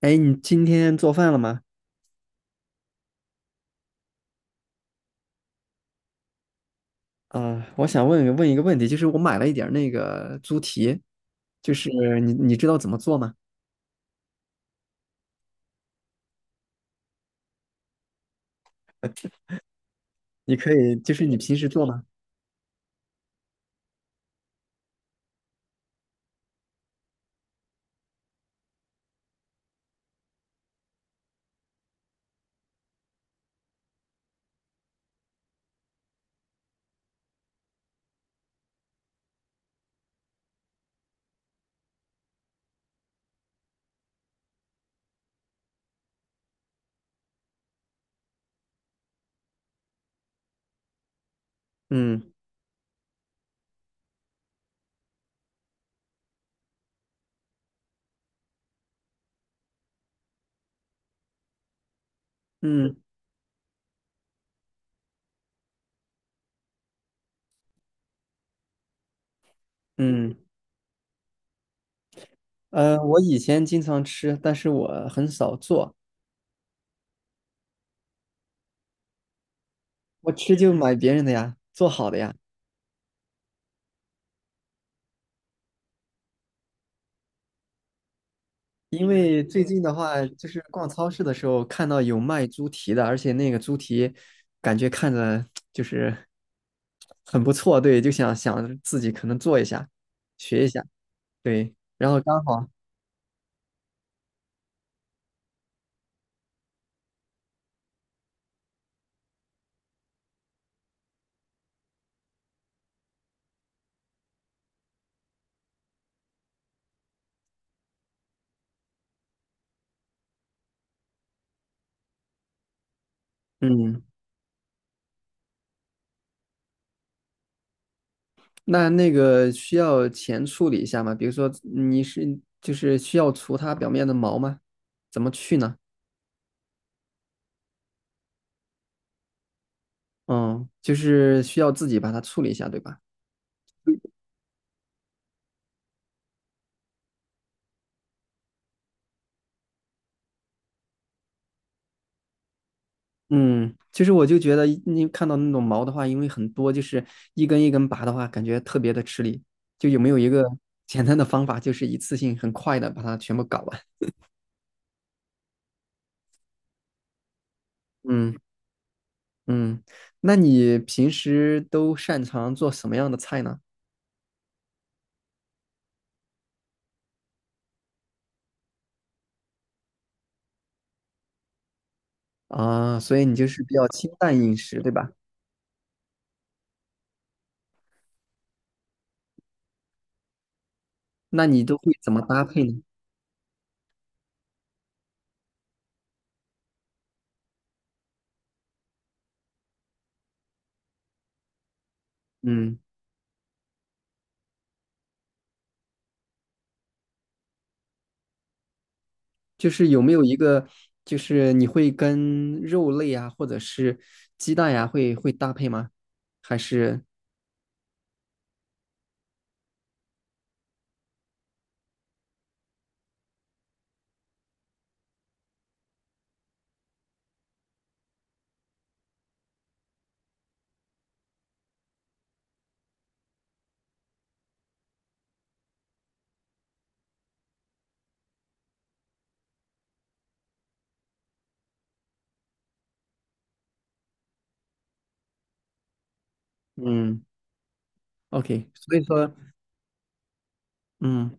哎，你今天做饭了吗？啊、我想问问一个问题，就是我买了一点儿那个猪蹄，就是你知道怎么做吗？你可以，就是你平时做吗？嗯嗯嗯，我以前经常吃，但是我很少做，我吃就买别人的呀，做好的呀。因为最近的话，就是逛超市的时候看到有卖猪蹄的，而且那个猪蹄感觉看着就是很不错，对，就想着自己可能做一下，学一下。对，然后刚好，嗯，那个需要前处理一下吗？比如说你是就是需要除它表面的毛吗？怎么去呢？嗯，就是需要自己把它处理一下，对吧？嗯，其实我就觉得你看到那种毛的话，因为很多，就是一根一根拔的话，感觉特别的吃力。就有没有一个简单的方法，就是一次性很快的把它全部搞完？嗯嗯，那你平时都擅长做什么样的菜呢？啊，所以你就是比较清淡饮食，对吧？那你都会怎么搭配呢？嗯，就是有没有一个，就是你会跟肉类啊，或者是鸡蛋呀、会搭配吗？还是嗯，OK，所以说嗯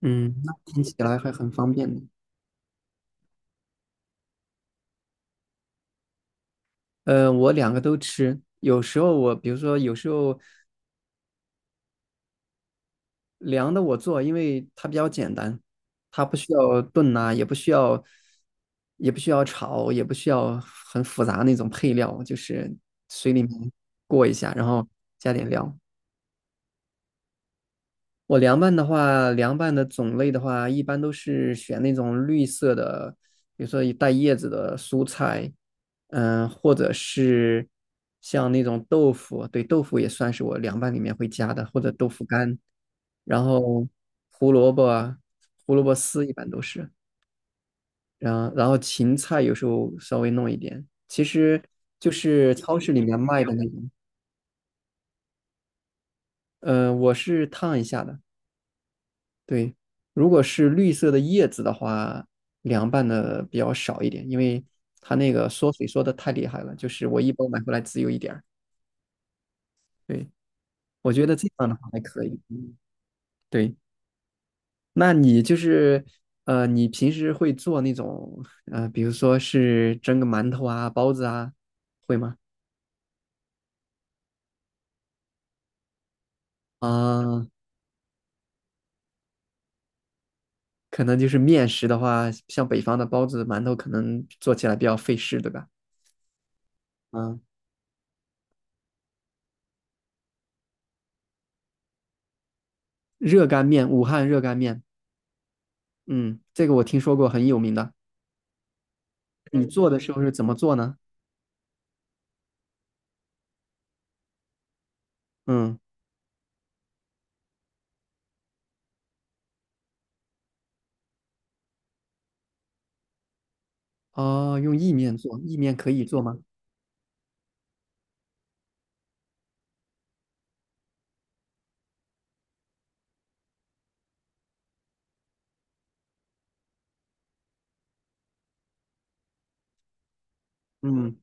嗯，那听起来还很方便的。呃，我两个都吃，有时候我比如说有时候凉的我做，因为它比较简单，它不需要炖呐、也不需要，也不需要炒，也不需要很复杂那种配料，就是水里面过一下，然后加点料。我凉拌的话，凉拌的种类的话，一般都是选那种绿色的，比如说带叶子的蔬菜，嗯，或者是像那种豆腐，对，豆腐也算是我凉拌里面会加的，或者豆腐干，然后胡萝卜啊胡萝卜丝一般都是，然后芹菜有时候稍微弄一点，其实就是超市里面卖的那种，我是烫一下的。对，如果是绿色的叶子的话，凉拌的比较少一点，因为它那个缩水缩的太厉害了，就是我一包买回来只有一点儿。对，我觉得这样的话还可以。嗯对，那你就是你平时会做那种比如说是蒸个馒头啊、包子啊，会吗？啊、可能就是面食的话，像北方的包子、馒头，可能做起来比较费事，对吧？嗯，热干面，武汉热干面。嗯，这个我听说过，很有名的。你做的时候是怎么做呢？嗯，哦，用意面做，意面可以做吗？嗯，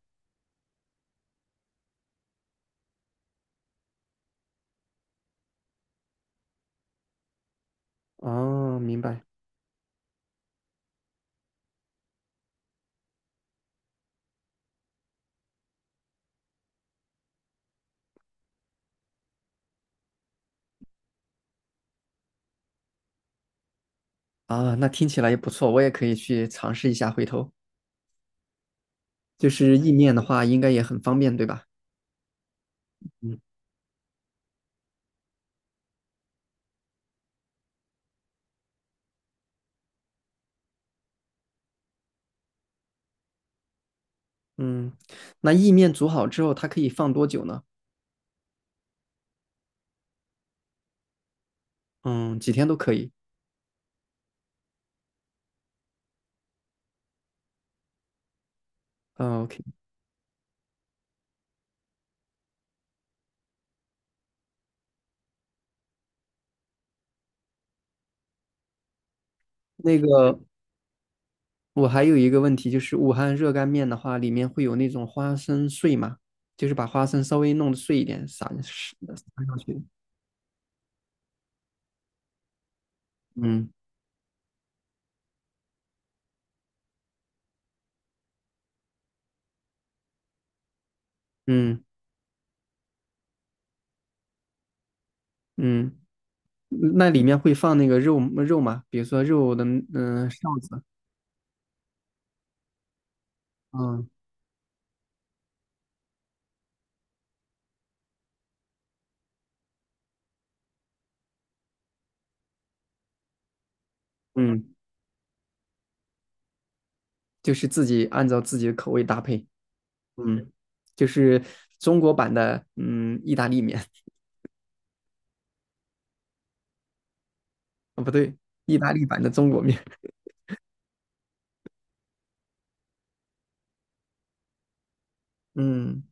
哦，明白。啊，那听起来也不错，我也可以去尝试一下，回头。就是意面的话，应该也很方便，对吧？嗯嗯，那意面煮好之后，它可以放多久呢？嗯，几天都可以。嗯，OK。那个，我还有一个问题，就是武汉热干面的话，里面会有那种花生碎吗？就是把花生稍微弄得碎一点，撒上去。嗯嗯嗯，那里面会放那个肉吗？比如说肉的嗯、臊子，嗯嗯，就是自己按照自己的口味搭配，嗯，就是中国版的意大利面啊 不对，意大利版的中国面，嗯，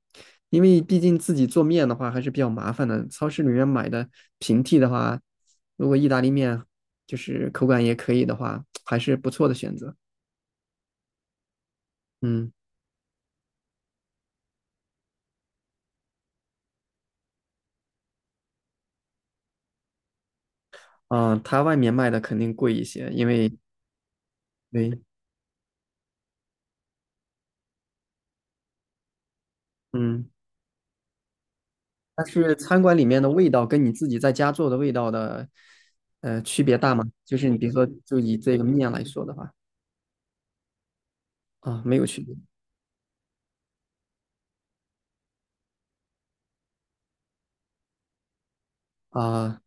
因为毕竟自己做面的话还是比较麻烦的，超市里面买的平替的话，如果意大利面就是口感也可以的话，还是不错的选择，嗯。啊、它外面卖的肯定贵一些，因为对，嗯，但是餐馆里面的味道跟你自己在家做的味道的，区别大吗？就是你比如说，就以这个面来说的话，啊，没有区别啊，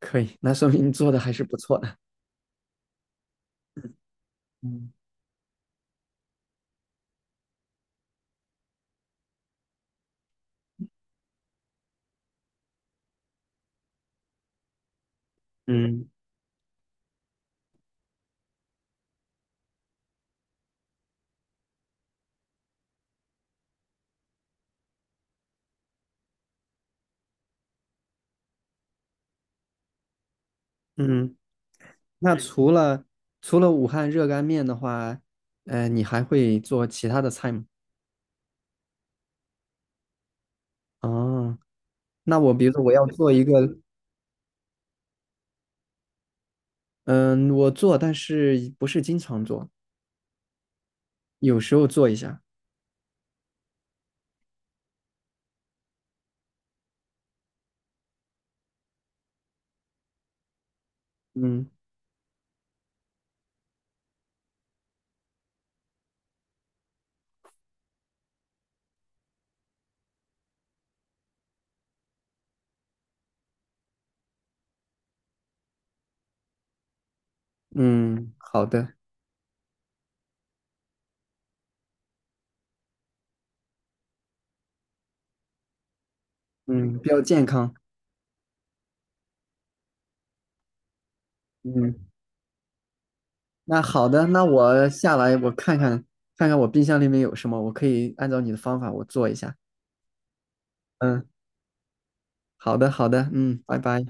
可以，那说明你做的还是不错的。嗯嗯嗯，那除了武汉热干面的话，你还会做其他的菜吗？哦，那我比如说我要做一个，嗯，我做，但是不是经常做，有时候做一下。嗯嗯，好的。嗯，比较健康。嗯，那好的，那我下来我看看我冰箱里面有什么，我可以按照你的方法我做一下。嗯，好的，好的，嗯，拜拜。